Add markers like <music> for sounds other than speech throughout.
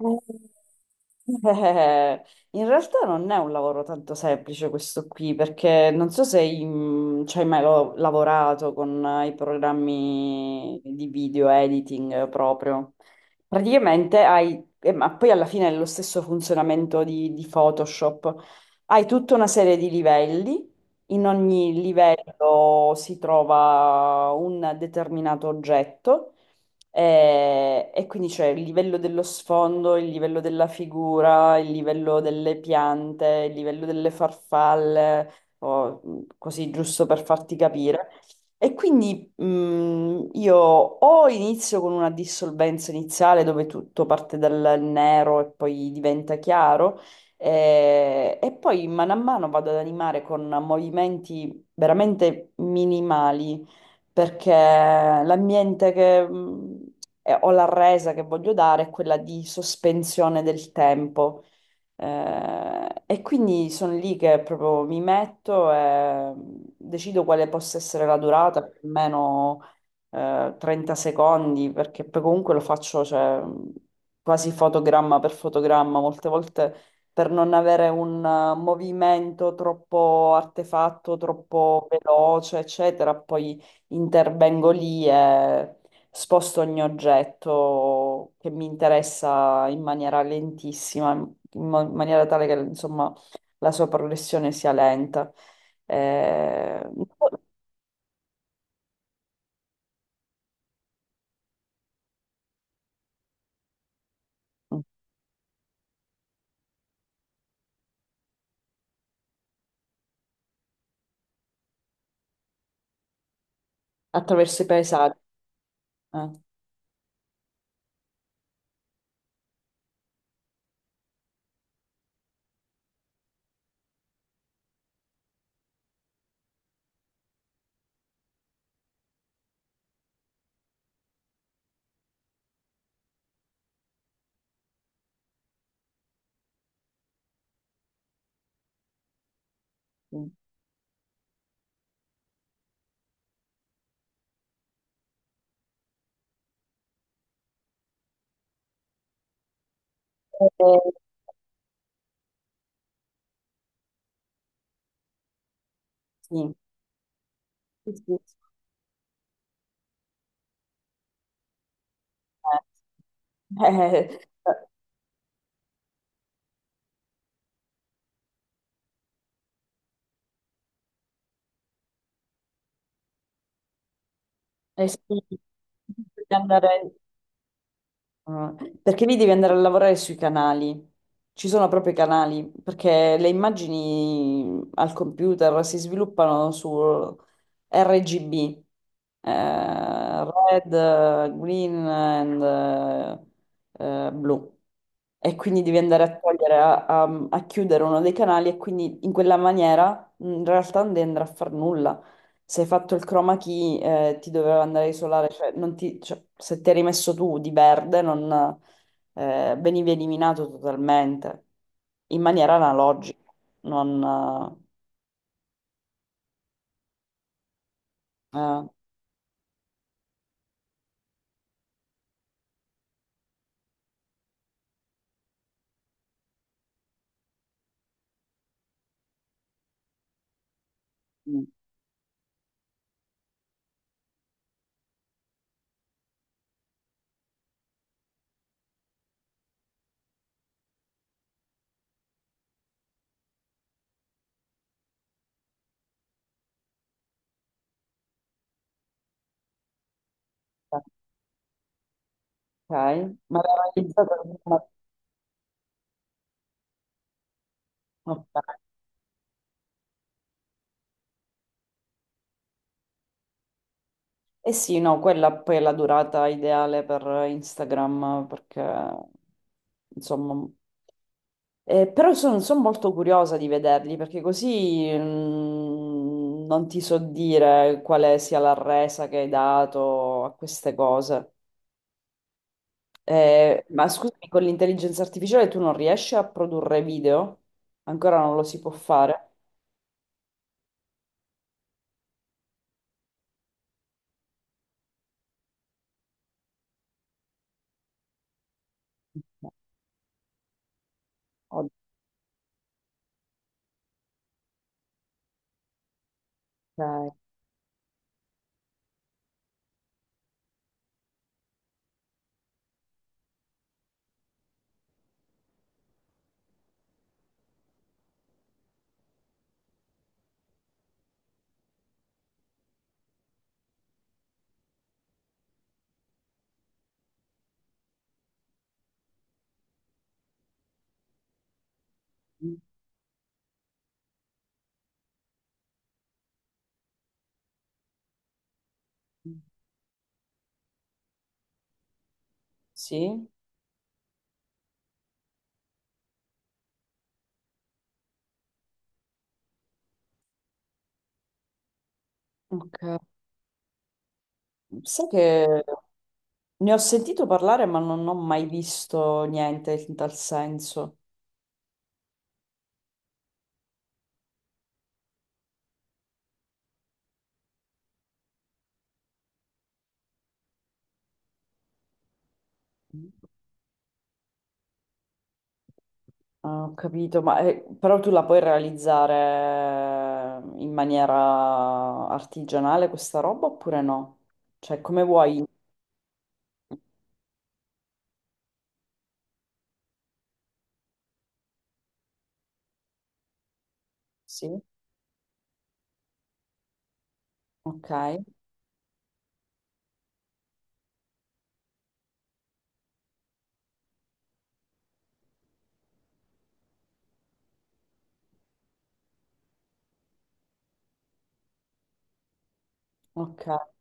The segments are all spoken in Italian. Eh, <laughs> in realtà non è un lavoro tanto semplice questo qui, perché non so se hai ci hai mai lavorato con i programmi di video editing proprio. Praticamente hai, ma poi alla fine è lo stesso funzionamento di Photoshop, hai tutta una serie di livelli, in ogni livello si trova un determinato oggetto e, quindi c'è il livello dello sfondo, il livello della figura, il livello delle piante, il livello delle farfalle, o, così giusto per farti capire. E quindi io o inizio con una dissolvenza iniziale dove tutto parte dal nero e poi diventa chiaro. E poi mano a mano vado ad animare con movimenti veramente minimali, perché l'ambiente che ho la resa che voglio dare è quella di sospensione del tempo. E quindi sono lì che proprio mi metto e decido quale possa essere la durata, più o meno 30 secondi, perché poi comunque lo faccio cioè, quasi fotogramma per fotogramma, molte volte per non avere un movimento troppo artefatto, troppo veloce, eccetera, poi intervengo lì e sposto ogni oggetto che mi interessa in maniera lentissima in maniera tale che insomma la sua progressione sia lenta. Eh, Attraverso i paesaggi. eh. Eh, sì, sì, sì, sì. Eh, <laughs> eh, sì. Bisogna andare. Ah, perché lì devi andare a lavorare sui canali, ci sono proprio i canali, perché le immagini al computer si sviluppano su RGB, eh, red, green and blu. E quindi devi andare a togliere, a, a chiudere uno dei canali e quindi in quella maniera in realtà non devi andare a far nulla se hai fatto il chroma key, ti doveva andare a isolare, cioè, non ti- cioè, se ti eri messo tu di verde, non, venivi eliminato totalmente, in maniera analogica, non... eh, eh, mm, ok, ma era realizzato... ok. Eh sì, no, quella poi è la durata ideale per Instagram, perché, insomma, però sono, sono molto curiosa di vederli perché così non ti so dire quale sia la resa che hai dato a queste cose. Ma scusami, con l'intelligenza artificiale tu non riesci a produrre video? Ancora non lo si può fare? Ok. Sì? Ok. Sai che ne ho sentito parlare ma non ho mai visto niente in tal senso. Ah, ho capito, ma però tu la puoi realizzare in maniera artigianale questa roba oppure no? Cioè, come vuoi? Sì, ok, ok.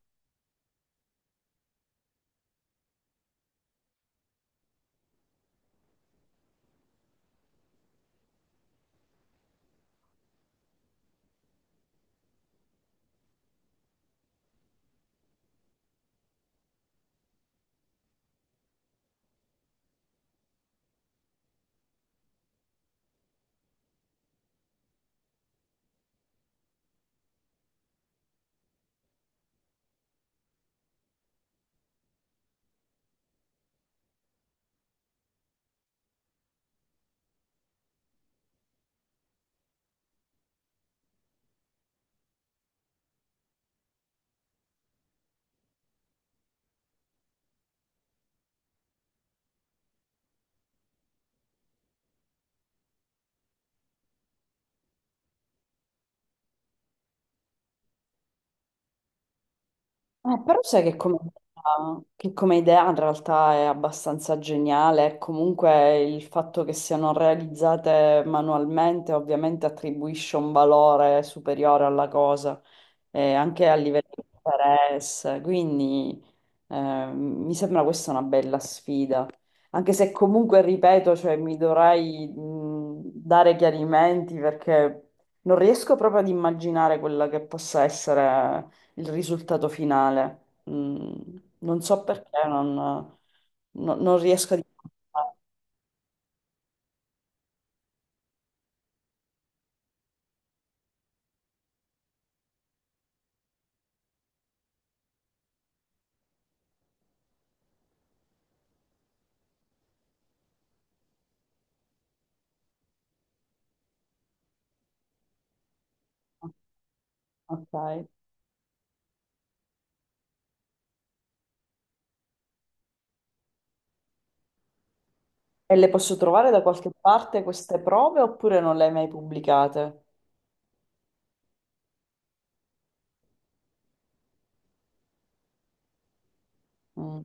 Però sai che come idea in realtà è abbastanza geniale, e comunque il fatto che siano realizzate manualmente ovviamente attribuisce un valore superiore alla cosa, anche a livello di interesse, quindi mi sembra questa una bella sfida, anche se comunque, ripeto, cioè, mi dovrei dare chiarimenti perché non riesco proprio ad immaginare quella che possa essere il risultato finale. Mm, Non so perché, non, non riesco a dimenticarlo. Ok. E le posso trovare da qualche parte queste prove oppure non le hai mai pubblicate? Mm,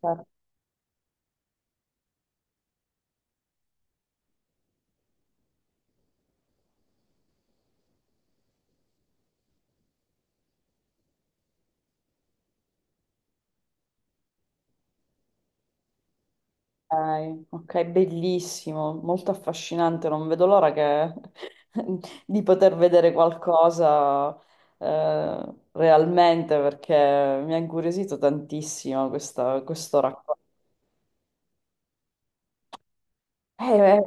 ok, ok, bellissimo, molto affascinante, non vedo l'ora <laughs> di poter vedere qualcosa realmente perché mi ha incuriosito tantissimo questo racconto. Eh, eh,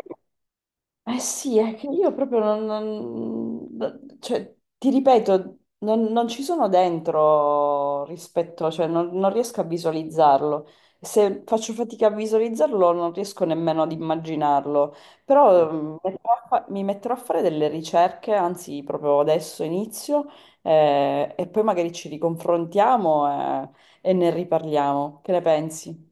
Eh sì, è che io proprio non, cioè, ti ripeto, non, non ci sono dentro rispetto, cioè non, non riesco a visualizzarlo. Se faccio fatica a visualizzarlo, non riesco nemmeno ad immaginarlo. Però metterò a mi metterò a fare delle ricerche, anzi, proprio adesso inizio, e poi magari ci riconfrontiamo, e ne riparliamo. Che ne pensi?